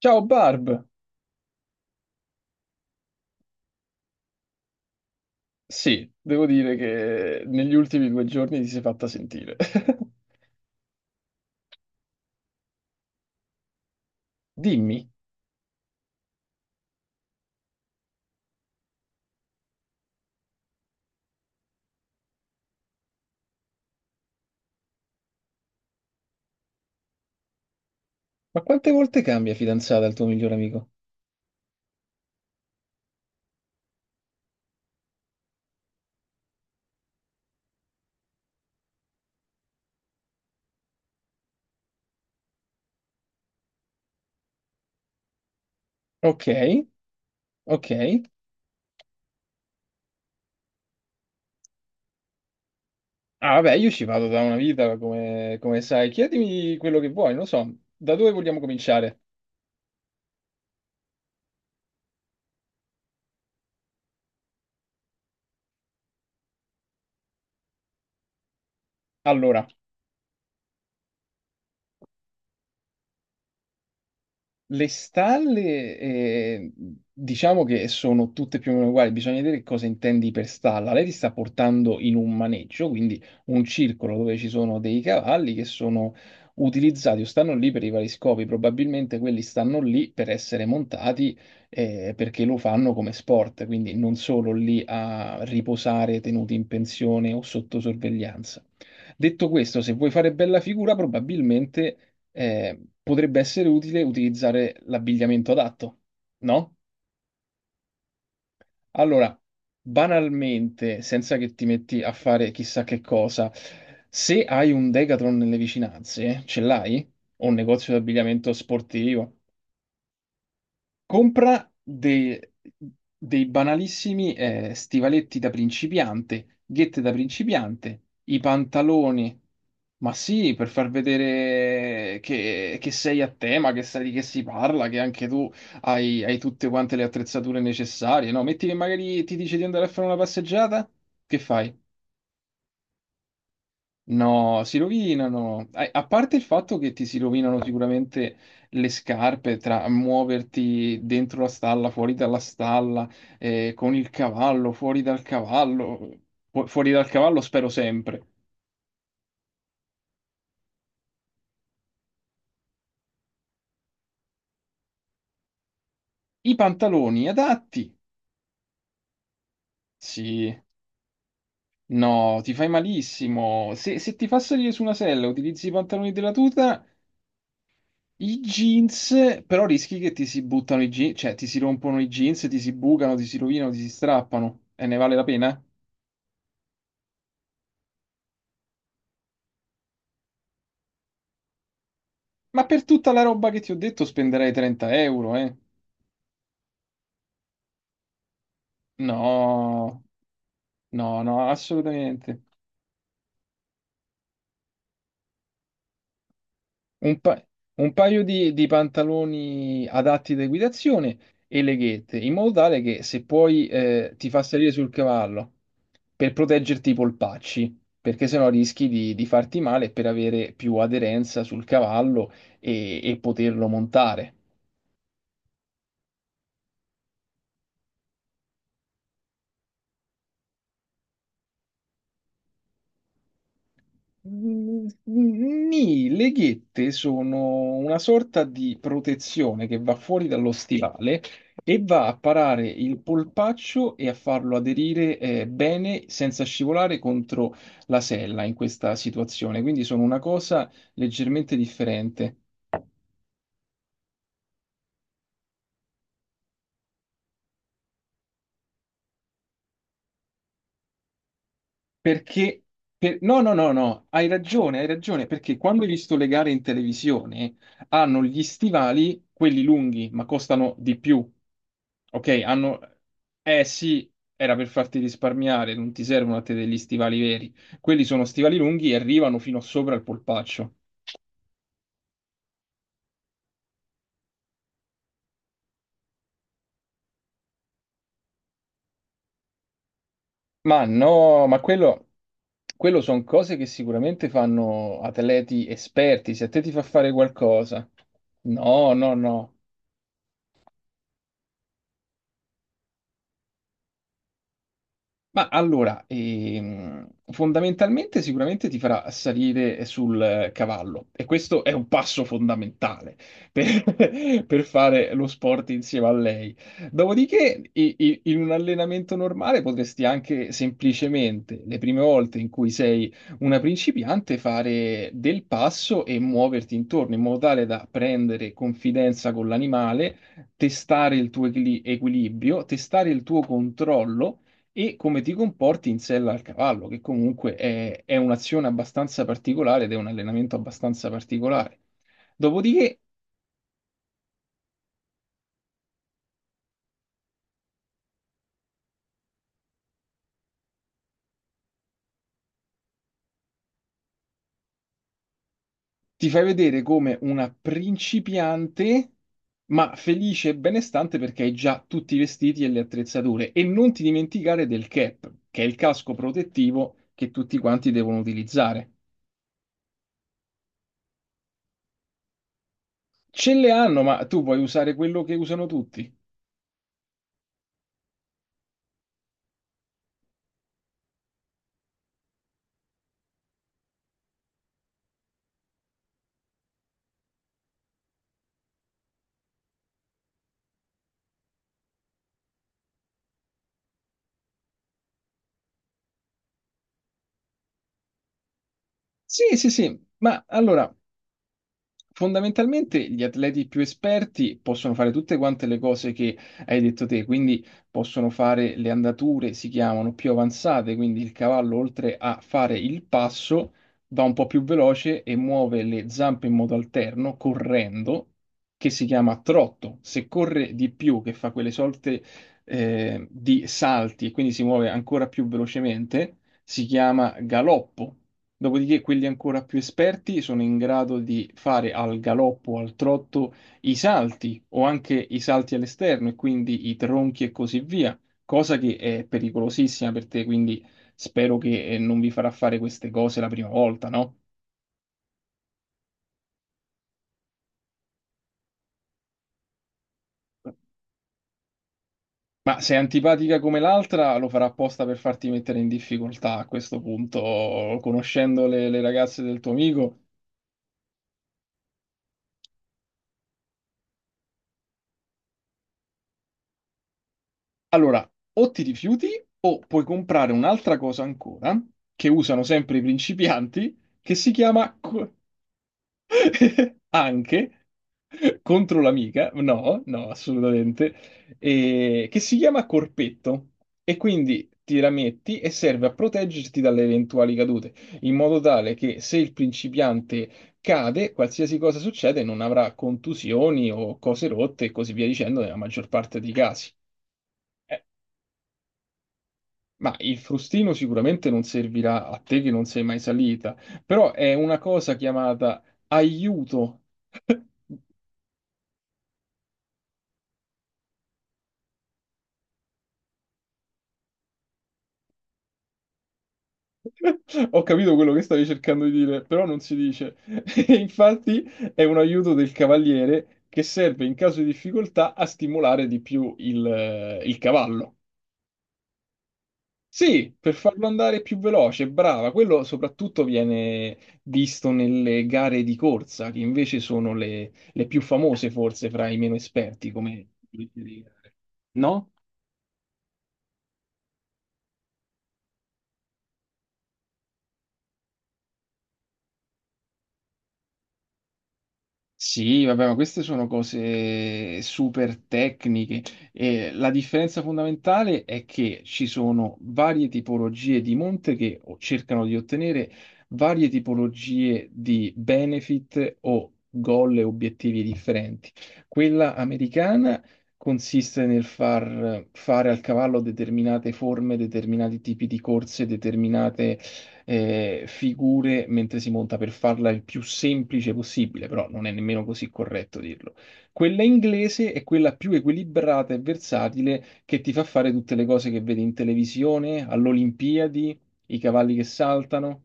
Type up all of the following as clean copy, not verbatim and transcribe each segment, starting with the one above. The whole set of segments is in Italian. Ciao Barb! Sì, devo dire che negli ultimi due giorni ti sei fatta sentire. Dimmi, ma quante volte cambia fidanzata il tuo migliore amico? Ok, ok. Ah, vabbè, io ci vado da una vita, come sai. Chiedimi quello che vuoi, non so. Da dove vogliamo cominciare? Allora, le stalle, diciamo che sono tutte più o meno uguali, bisogna vedere che cosa intendi per stalla. Lei ti sta portando in un maneggio, quindi un circolo dove ci sono dei cavalli che sono utilizzati o stanno lì per i vari scopi. Probabilmente quelli stanno lì per essere montati, perché lo fanno come sport, quindi non solo lì a riposare tenuti in pensione o sotto sorveglianza. Detto questo, se vuoi fare bella figura, probabilmente potrebbe essere utile utilizzare l'abbigliamento adatto, no? Allora, banalmente, senza che ti metti a fare chissà che cosa, se hai un Decathlon nelle vicinanze, ce l'hai? O un negozio di abbigliamento sportivo? Compra dei banalissimi stivaletti da principiante, ghette da principiante, i pantaloni. Ma sì, per far vedere che sei a tema, che sai di che si parla, che anche tu hai tutte quante le attrezzature necessarie, no? Metti che magari ti dice di andare a fare una passeggiata, che fai? No, si rovinano. A parte il fatto che ti si rovinano sicuramente le scarpe tra muoverti dentro la stalla, fuori dalla stalla, con il cavallo, fuori dal cavallo, fuori dal cavallo spero sempre. I pantaloni adatti? Sì. No, ti fai malissimo. Se ti fa salire su una sella, utilizzi i pantaloni della tuta, i jeans, però rischi che ti si buttano i jeans, cioè ti si rompono i jeans, ti si bucano, ti si rovinano, ti si strappano. E ne vale la pena? Ma per tutta la roba che ti ho detto spenderei 30 euro, eh? No, no, no, assolutamente. Un, pa- un paio di pantaloni adatti da equitazione e leghette, in modo tale che se puoi ti fa salire sul cavallo per proteggerti i polpacci, perché sennò rischi di farti male per avere più aderenza sul cavallo e poterlo montare. Mm, nì, le ghette sono una sorta di protezione che va fuori dallo stivale e va a parare il polpaccio e a farlo aderire bene senza scivolare contro la sella in questa situazione. Quindi sono una cosa leggermente differente. Perché, no, no, no, no, hai ragione, perché quando hai visto le gare in televisione hanno gli stivali, quelli lunghi, ma costano di più. Ok, hanno... Eh sì, era per farti risparmiare, non ti servono a te degli stivali veri. Quelli sono stivali lunghi e arrivano fino sopra il polpaccio. Ma no, quello sono cose che sicuramente fanno atleti esperti. Se a te ti fa fare qualcosa, no, no, no. Ma allora, fondamentalmente sicuramente ti farà salire sul cavallo e questo è un passo fondamentale per, per fare lo sport insieme a lei. Dopodiché, in un allenamento normale potresti anche semplicemente, le prime volte in cui sei una principiante, fare del passo e muoverti intorno in modo tale da prendere confidenza con l'animale, testare il tuo equilibrio, testare il tuo controllo e come ti comporti in sella al cavallo, che comunque è un'azione abbastanza particolare ed è un allenamento abbastanza particolare. Dopodiché ti fai vedere come una principiante, ma felice e benestante perché hai già tutti i vestiti e le attrezzature. E non ti dimenticare del cap, che è il casco protettivo che tutti quanti devono utilizzare. Ce le hanno, ma tu puoi usare quello che usano tutti. Sì, sì, sì, ma allora fondamentalmente gli atleti più esperti possono fare tutte quante le cose che hai detto te, quindi possono fare le andature, si chiamano più avanzate, quindi il cavallo oltre a fare il passo va un po' più veloce e muove le zampe in modo alterno, correndo, che si chiama trotto. Se corre di più, che fa quelle sorte di salti e quindi si muove ancora più velocemente, si chiama galoppo. Dopodiché quelli ancora più esperti sono in grado di fare al galoppo o al trotto i salti o anche i salti all'esterno e quindi i tronchi e così via, cosa che è pericolosissima per te, quindi spero che non vi farà fare queste cose la prima volta, no? Ma se è antipatica come l'altra, lo farà apposta per farti mettere in difficoltà a questo punto, conoscendo le ragazze del tuo amico. Allora, o ti rifiuti o puoi comprare un'altra cosa ancora che usano sempre i principianti che si chiama anche contro l'amica, no, no, assolutamente, che si chiama corpetto e quindi ti la metti e serve a proteggerti dalle eventuali cadute, in modo tale che se il principiante cade, qualsiasi cosa succede, non avrà contusioni o cose rotte e così via dicendo nella maggior parte dei casi. Eh, Ma il frustino sicuramente non servirà a te che non sei mai salita, però è una cosa chiamata aiuto. Ho capito quello che stavi cercando di dire, però non si dice. E infatti è un aiuto del cavaliere che serve in caso di difficoltà a stimolare di più il cavallo. Sì, per farlo andare più veloce, brava. Quello soprattutto viene visto nelle gare di corsa, che invece sono le più famose forse fra i meno esperti, come gare. No? Sì, vabbè, ma queste sono cose super tecniche e la differenza fondamentale è che ci sono varie tipologie di monte che cercano di ottenere varie tipologie di benefit o goal e obiettivi differenti. Quella americana consiste nel far fare al cavallo determinate forme, determinati tipi di corse, determinate figure mentre si monta per farla il più semplice possibile, però non è nemmeno così corretto dirlo. Quella inglese è quella più equilibrata e versatile che ti fa fare tutte le cose che vedi in televisione, all'Olimpiadi, i cavalli che saltano.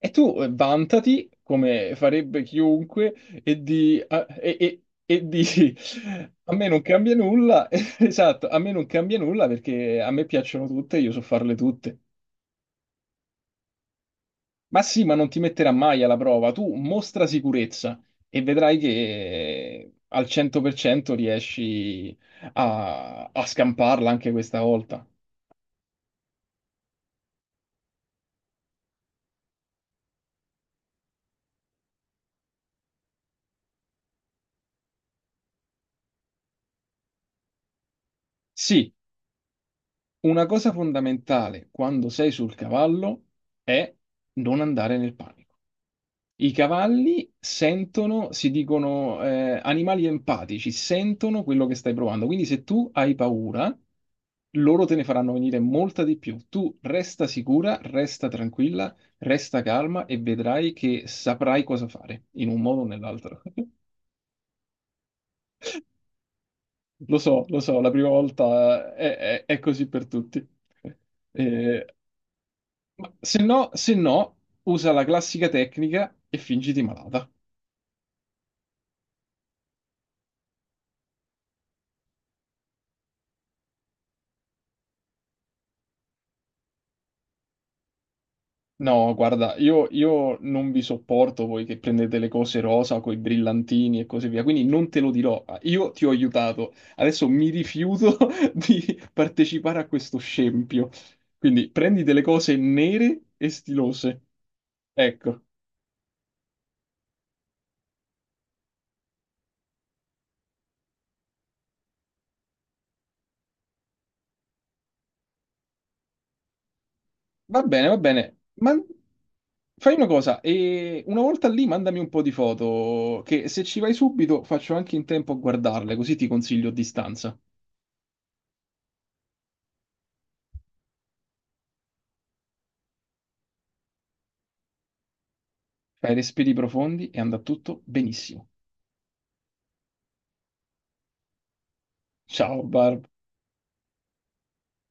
E tu vantati, come farebbe chiunque, e di... a- e dici, a me non cambia nulla, esatto, a me non cambia nulla perché a me piacciono tutte, io so farle tutte. Ma sì, ma non ti metterà mai alla prova. Tu mostra sicurezza e vedrai che al 100% riesci a scamparla anche questa volta. Sì, una cosa fondamentale quando sei sul cavallo è non andare nel panico. I cavalli sentono, si dicono animali empatici, sentono quello che stai provando. Quindi se tu hai paura, loro te ne faranno venire molta di più. Tu resta sicura, resta tranquilla, resta calma e vedrai che saprai cosa fare, in un modo o nell'altro. Lo so, la prima volta è così per tutti. Eh, ma se no, usa la classica tecnica e fingiti malata. No, guarda, io non vi sopporto voi che prendete le cose rosa con i brillantini e così via, quindi non te lo dirò. Ah, io ti ho aiutato, adesso mi rifiuto di partecipare a questo scempio. Quindi prendi delle cose nere e stilose. Ecco, va bene, va bene. Ma fai una cosa, e una volta lì mandami un po' di foto, che se ci vai subito faccio anche in tempo a guardarle, così ti consiglio a distanza. Fai respiri profondi e andrà tutto benissimo. Ciao Barb.